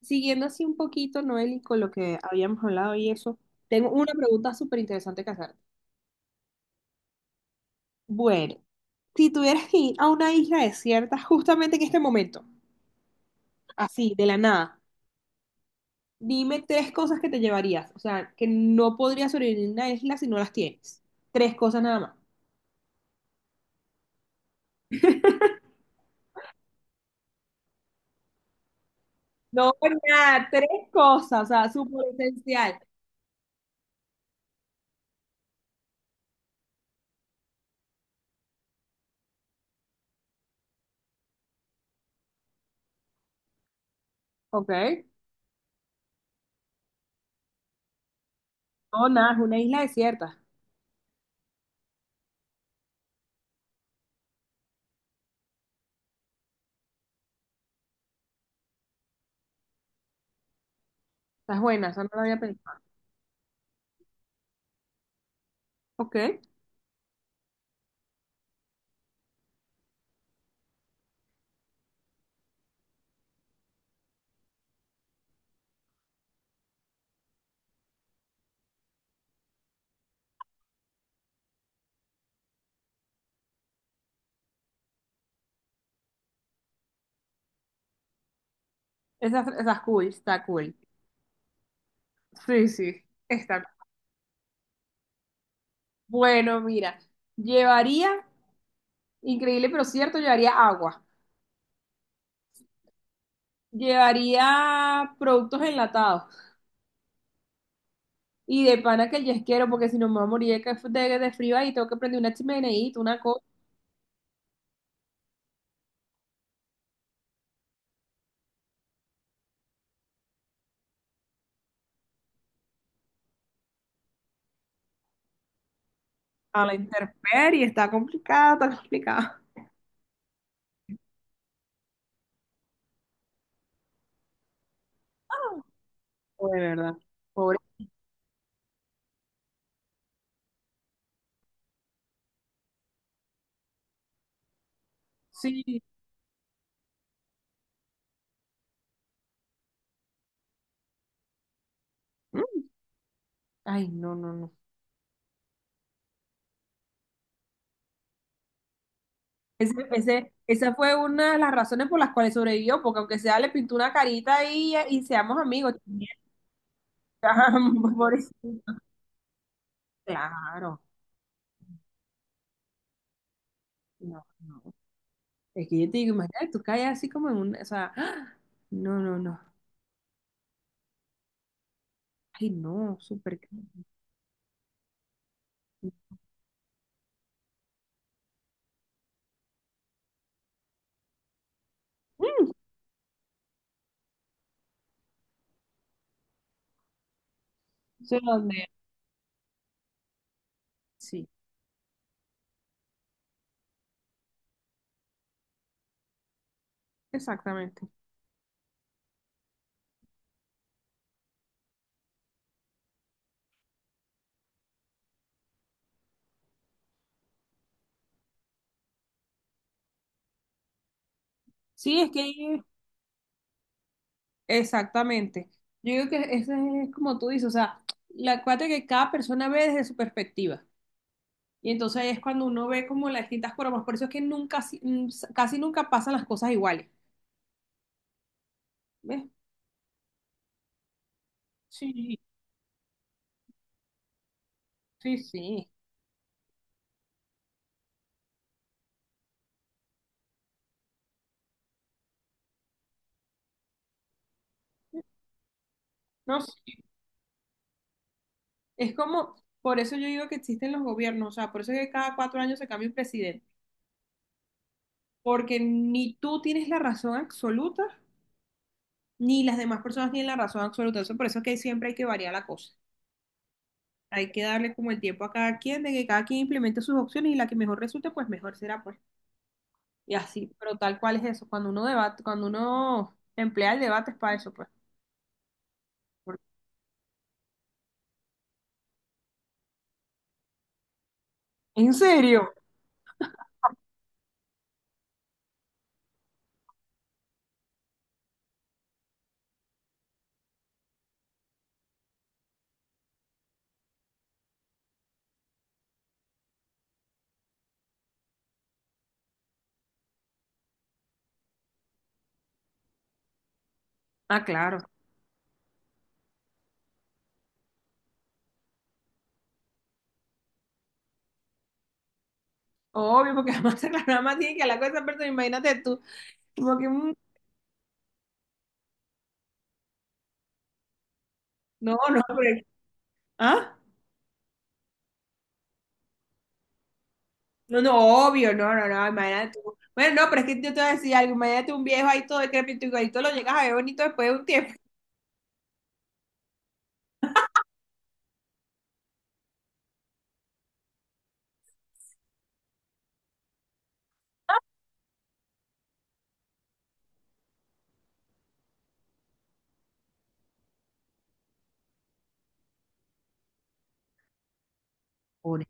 Siguiendo así un poquito, Noel, y con lo que habíamos hablado y eso, tengo una pregunta súper interesante que hacerte. Bueno, si tuvieras que ir a una isla desierta justamente en este momento, así, de la nada, dime tres cosas que te llevarías. O sea, que no podrías sobrevivir en una isla si no las tienes. Tres cosas nada más. No, pues, nada, tres cosas, o sea, súper esencial. Ok. No, nada, es una isla desierta. Estás buena, eso no lo había pensado. Ok. Esa es cool, está cool. Sí, sí. Está bueno, mira, llevaría, increíble pero cierto, llevaría agua, llevaría productos enlatados y de pana que el yesquero, porque si no me voy a morir de, de frío ahí, tengo que prender una chimeneita, una cosa. A la intemperie, está complicado, está complicado. De verdad. Pobre. Sí. Mm. Ay, no, no, no. Esa fue una de las razones por las cuales sobrevivió, porque aunque sea le pintó una carita y seamos amigos. Pobrecito. Claro. No, no. Es que yo te digo, imagínate, tú caes así como en un, o sea, ¡ah! No, no, no. Ay, no, súper caro. Mm, sé dónde. Sí, exactamente. Sí, es que exactamente. Yo digo que ese es como tú dices, o sea, la cuate que cada persona ve desde su perspectiva. Y entonces ahí es cuando uno ve como las distintas formas. Por eso es que nunca, casi nunca pasan las cosas iguales. ¿Ves? Sí, sí, sí. No, sí. Es como, por eso yo digo que existen los gobiernos, o sea, por eso es que cada cuatro años se cambia un presidente. Porque ni tú tienes la razón absoluta, ni las demás personas tienen la razón absoluta. Eso, por eso es que siempre hay que variar la cosa. Hay que darle como el tiempo a cada quien, de que cada quien implemente sus opciones y la que mejor resulte, pues mejor será, pues. Y así, pero tal cual es eso. Cuando uno debate, cuando uno emplea el debate es para eso, pues. Porque- ¿En serio? Ah, claro. Obvio, porque además nada más tiene que hablar con esa persona, imagínate tú. Como que, mm, no, no, pero... ¿Ah? No, no, obvio, no, no, no, imagínate tú. Bueno, no, pero es que yo te voy a decir algo, imagínate un viejo ahí todo decrépito, igualito lo llegas a ver bonito después de un tiempo. Pobre.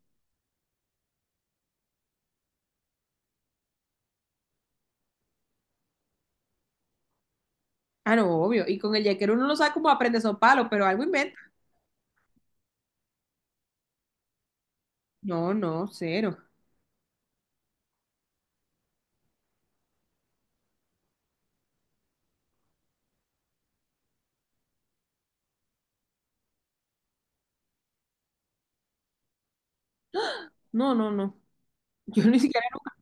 Ah, no, obvio, y con el yaquero uno no sabe cómo aprende esos palos, pero algo inventa. No, no, cero. No, no, no. Yo ni siquiera nunca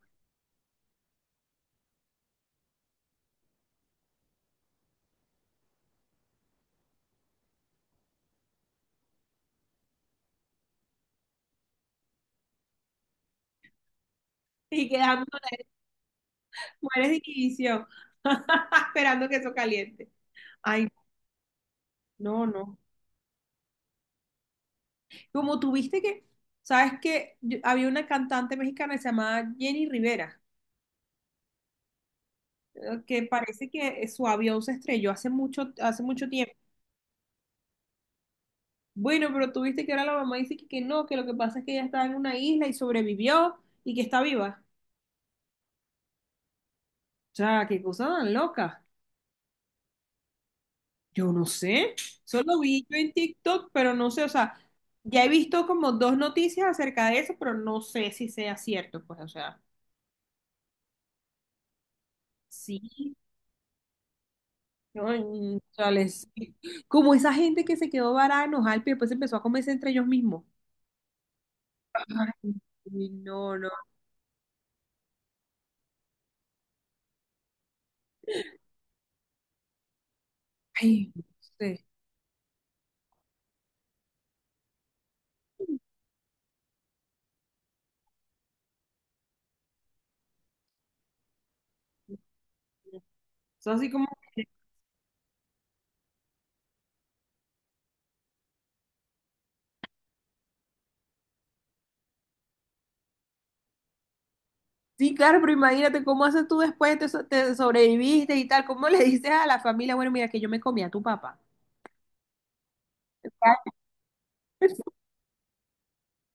y quedando de las mujeres de división, esperando que eso caliente. Ay, no, no. Como tuviste que, sabes que había una cantante mexicana que se llamaba Jenny Rivera, que parece que su avión se estrelló hace mucho tiempo. Bueno, pero tú viste que ahora la mamá dice que no, que lo que pasa es que ella estaba en una isla y sobrevivió y que está viva. O sea, qué cosa tan loca. Yo no sé. Solo vi yo en TikTok, pero no sé. O sea, ya he visto como dos noticias acerca de eso, pero no sé si sea cierto. Pues, o sea, sí. no, mm, o sea, les- Como esa gente que se quedó varada en Ojalp y después empezó a comerse entre ellos mismos. Ay, no, no. Ay, no sé. Es así como. Sí, claro, pero imagínate cómo haces tú después, te sobreviviste y tal, cómo le dices a la familia, bueno, mira que yo me comí a tu papá.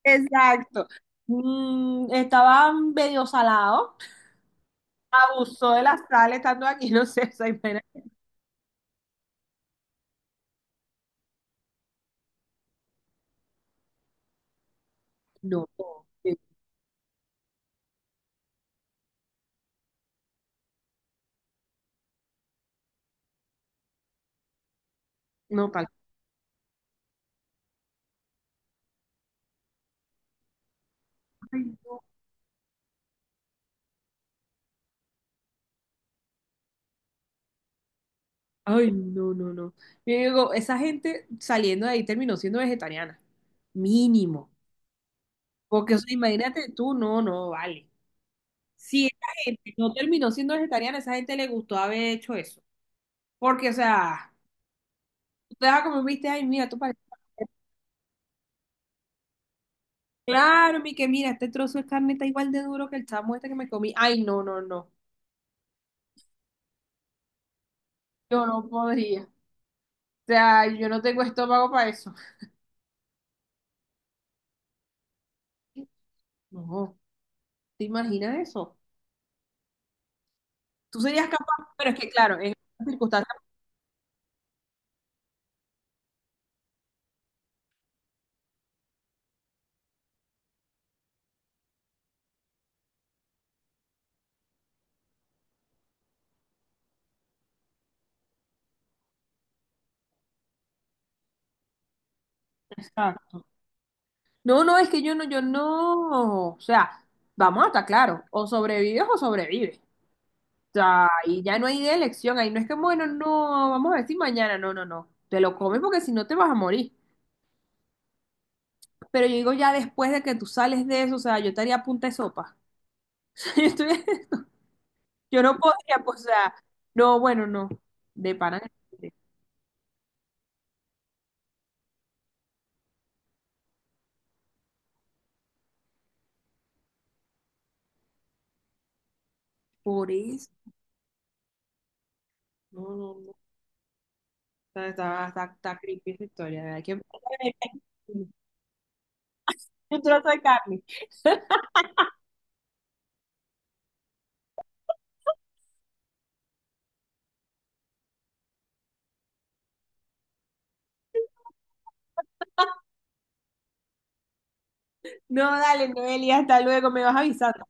Exacto. Mm, estaba medio salado, abusó de la sal estando aquí, no sé, o sea, imagínate. No, eh, no, tal. Ay, no, no, no. Yo digo, esa gente saliendo de ahí terminó siendo vegetariana, mínimo. Porque, o sea, imagínate tú, no, no, vale. Si esa gente no terminó siendo vegetariana, esa gente le gustó haber hecho eso. Porque, o sea, tú te vas como viste, ay, mira, tú pareces. Claro, mi que mira, este trozo de carne está igual de duro que el chamo este que me comí. Ay, no, no, no. Yo no podría. O sea, yo no tengo estómago para eso. No, ¿te imaginas eso? Tú serías capaz, pero es que, claro, en estas circunstancias. Exacto. No, no, es que yo no, yo no. O sea, vamos a estar claro. O sobrevives o sobrevives. O sea, y ya no hay de elección. Ahí no es que, bueno, no, vamos a decir mañana. No, no, no. Te lo comes porque si no te vas a morir. Pero yo digo ya después de que tú sales de eso, o sea, yo estaría a punta de sopa. Yo estoy- yo no podría, pues, o sea, no, bueno, no. De pana. que- Por eso. No, no, no. Está, está, está, está creepy esa historia. ¿Verdad? Hay que... Un trozo de carne. No, dale, Noelia, hasta luego, me vas avisando.